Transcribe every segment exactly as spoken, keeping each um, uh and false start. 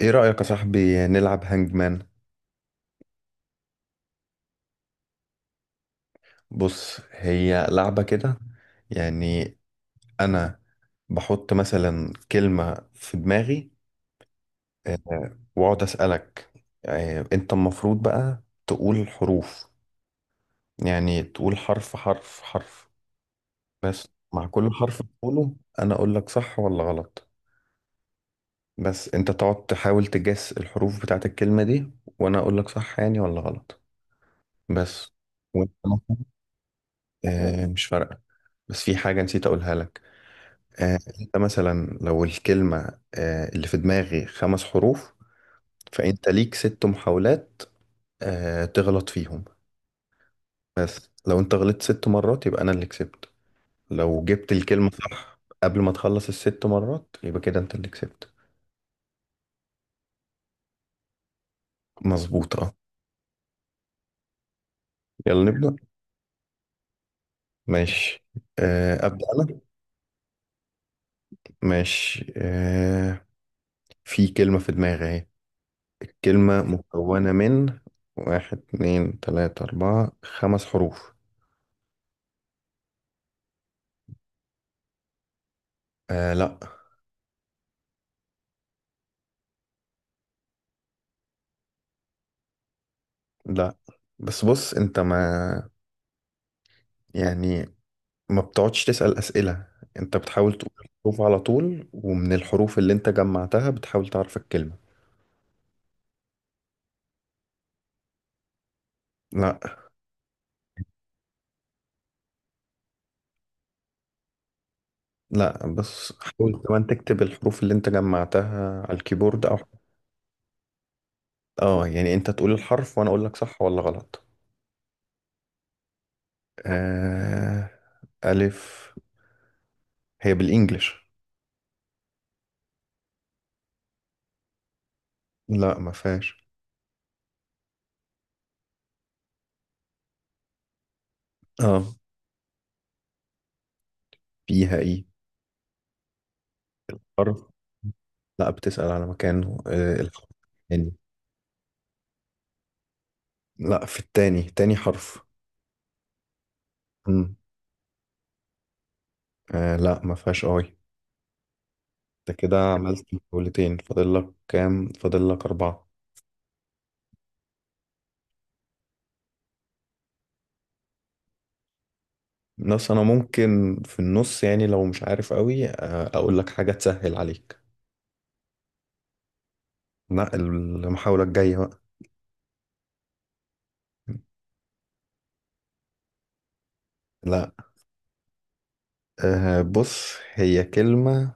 ايه رأيك يا صاحبي نلعب هانج مان؟ بص، هي لعبة كده. يعني انا بحط مثلا كلمة في دماغي، آه، واقعد اسألك. آه، انت المفروض بقى تقول حروف، يعني تقول حرف حرف حرف بس. مع كل حرف تقوله انا اقول لك صح ولا غلط. بس انت تقعد تحاول تجس الحروف بتاعت الكلمة دي، وانا اقول لك صح يعني ولا غلط بس. وانت مثلاً، آه، مش فارقة. بس في حاجة نسيت أقولها لك. آه، أنت مثلا لو الكلمة آه، اللي في دماغي خمس حروف، فأنت ليك ست محاولات آه، تغلط فيهم. بس لو أنت غلطت ست مرات يبقى أنا اللي كسبت. لو جبت الكلمة صح قبل ما تخلص الست مرات يبقى كده أنت اللي كسبت. مظبوط أه. يلا نبدأ. ماشي، آه، أبدأ أنا. ماشي آه، في كلمة في دماغي أهي. الكلمة مكونة من واحد اتنين تلاتة أربعة خمس حروف. آه لا. لا بس بص، انت ما يعني ما بتقعدش تسأل أسئلة. انت بتحاول تقول الحروف على طول، ومن الحروف اللي انت جمعتها بتحاول تعرف الكلمة. لا. لا بس حاول كمان تكتب الحروف اللي انت جمعتها على الكيبورد او. اه يعني انت تقول الحرف وانا اقول لك صح ولا غلط. آه. ألف، هي بالإنجلش. لا ما فيهاش. اه. فيها ايه حرف. لا بتسأل على مكانه آه الحرف يعني. لا، في التاني، تاني حرف. مم. آه لا، ما فيهاش اي. انت كده عملت جولتين، فاضل لك كام؟ فاضل لك اربعة. بس انا ممكن في النص يعني لو مش عارف قوي آه اقول لك حاجة تسهل عليك. لا، المحاولة الجاية بقى. لا. آه بص، هي كلمة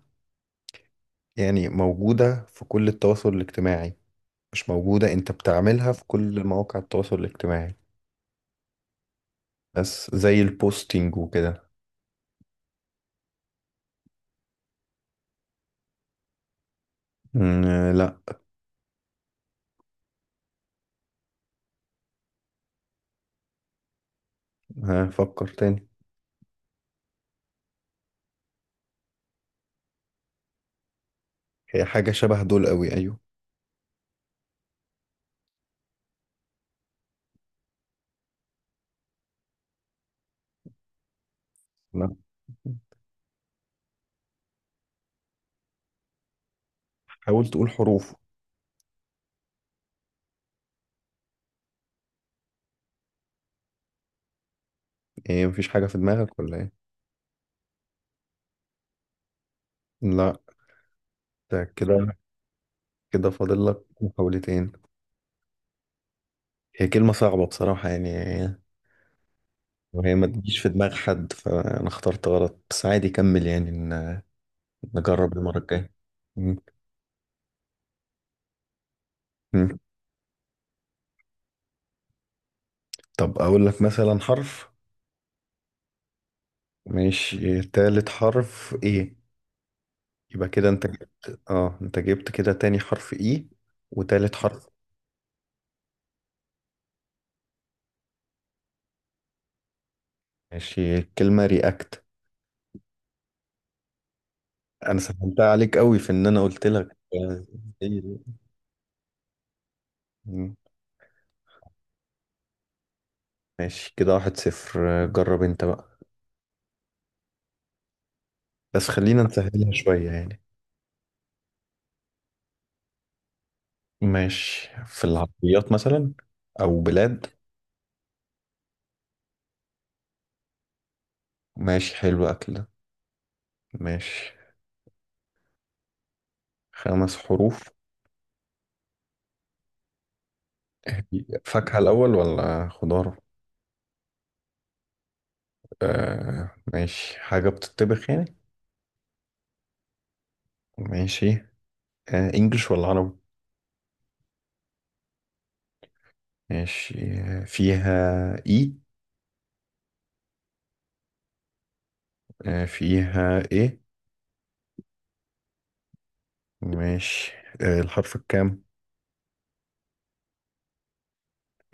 يعني موجودة في كل التواصل الاجتماعي. مش موجودة، انت بتعملها في كل مواقع التواصل الاجتماعي. بس زي البوستينج وكده. مم، آه لا. آه فكر تاني. هي حاجة شبه دول قوي، ايوه. لا. حاول تقول حروف. ايه مفيش حاجة في دماغك ولا ايه؟ لا. ده كده، كده فاضل لك محاولتين. هي كلمة صعبة بصراحة يعني. وهي ما تجيش في دماغ حد، فانا اخترت غلط. بس عادي كمل يعني ن- نجرب المرة الجاية. مم. مم. طب اقول لك مثلا حرف. ماشي، تالت حرف ايه؟ يبقى كده انت جبت، اه انت جبت كده تاني حرف ايه وتالت حرف. ماشي، كلمة رياكت. انا سهلتها عليك قوي في ان انا قلت لك. مم. ماشي كده، واحد صفر. جرب انت بقى. بس خلينا نسهلها شوية يعني. ماشي، في العربيات مثلا، أو بلاد. ماشي حلو، أكل ده. ماشي. خمس حروف. فاكهة الأول ولا خضار؟ آه ماشي، حاجة بتطبخ يعني. ماشي. آه إنجلش ولا عربي؟ ماشي. آه فيها إي؟ آه فيها إيه. ماشي. آه الحرف الكام؟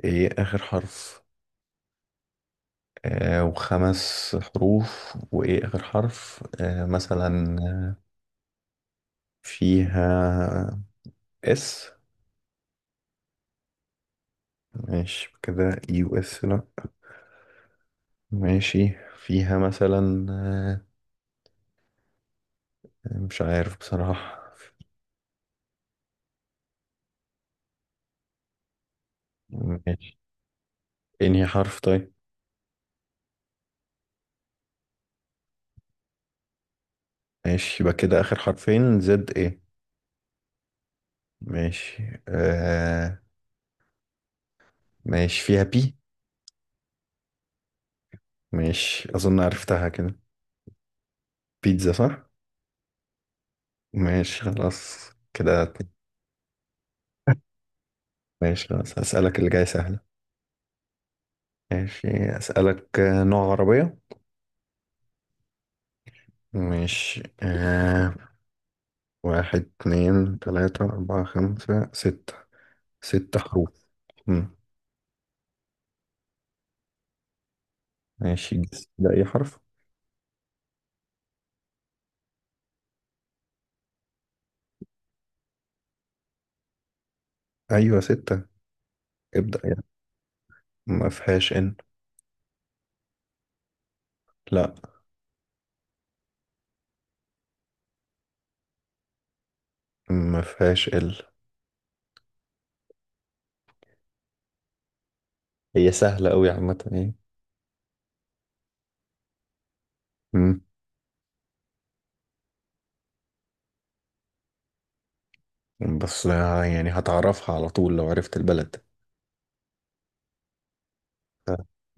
إيه، آخر حرف. آه، وخمس حروف وإيه آخر حرف؟ آه، مثلا فيها اس؟ ماشي كده اي و اس لأ. ماشي، فيها مثلا آه، مش عارف بصراحة. ماشي، انهي حرف طيب؟ ماشي، يبقى كده آخر حرفين زد ايه. ماشي آه. ماشي، فيها بي. ماشي أظن عرفتها كده. بيتزا صح؟ ماشي، خلاص كده. ماشي خلاص، هسألك اللي جاي سهل. ماشي. أسألك آه، نوع عربية. ماشي آه. واحد اتنين تلاتة أربعة خمسة ستة. ست حروف. مم. ماشي، جس ده أي حرف؟ أيوة ستة. ابدأ يعني. ما فيهاش إن. لا ما فيهاش ال. هي سهلة أوي عامة يعني. مم. بس آه، يعني هتعرفها على طول لو عرفت البلد. ف-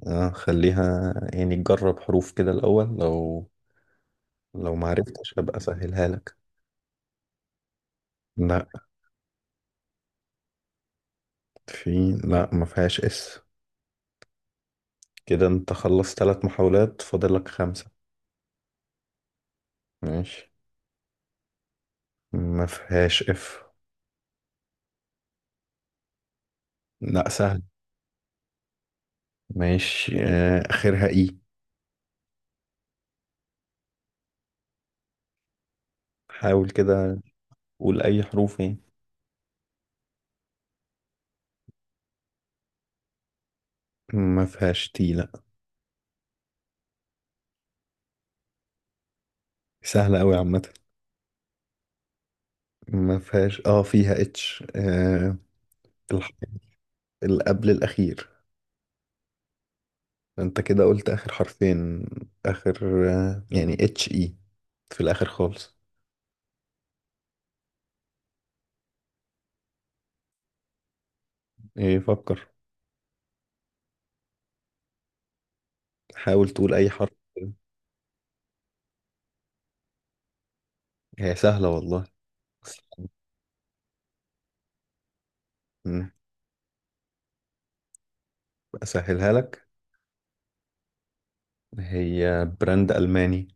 آه خليها يعني تجرب حروف كده الأول. لو لو ما عرفتش هبقى أسهلها لك. ده. في، لا ما فيهاش اس. كده انت خلصت ثلاث محاولات، فاضل لك خمسة. ماشي. ما فيهاش اف. لا سهل. ماشي آه، اخرها اي. حاول كده، قول اي حروف يعني. ما فيهاش تي، لا. سهلة قوي عامة. ما فيهاش. اه فيها اتش، آه. الح- اللي قبل الاخير. انت كده قلت اخر حرفين، اخر آه، يعني اتش اي في الاخر خالص. ايه فكر، حاول تقول اي حرف. هي سهلة والله. مم. أسهلها لك. هي براند ألماني.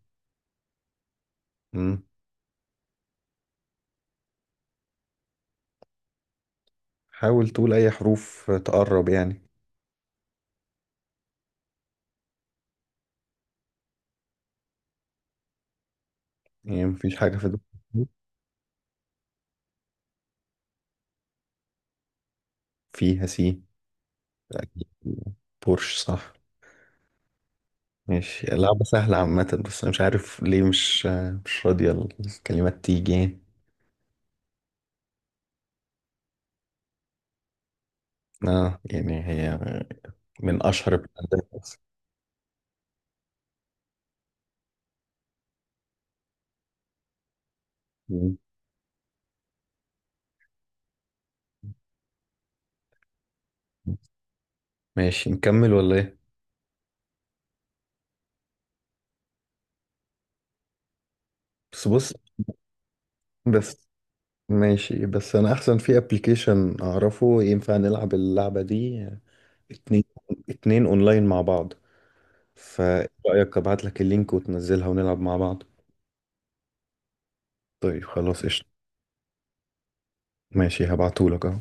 مم. حاول تقول أي حروف تقرب يعني. يعني مفيش حاجة في دماغك. فيها سي؟ أكيد، بورش صح. ماشي، لعبة سهلة عامة بس أنا مش عارف ليه مش، مش راضية الكلمات تيجي يعني. آه يعني هي من أشهر البراندات أصلا. مم. ماشي نكمل ولا إيه؟ بس بص. بس ماشي، بس أنا أحسن في أبليكيشن أعرفه ينفع نلعب اللعبة دي اتنين اتنين اونلاين مع بعض. فايه رأيك ابعت لك اللينك وتنزلها ونلعب مع بعض. طيب خلاص قشطة. ماشي هبعتهولك اهو.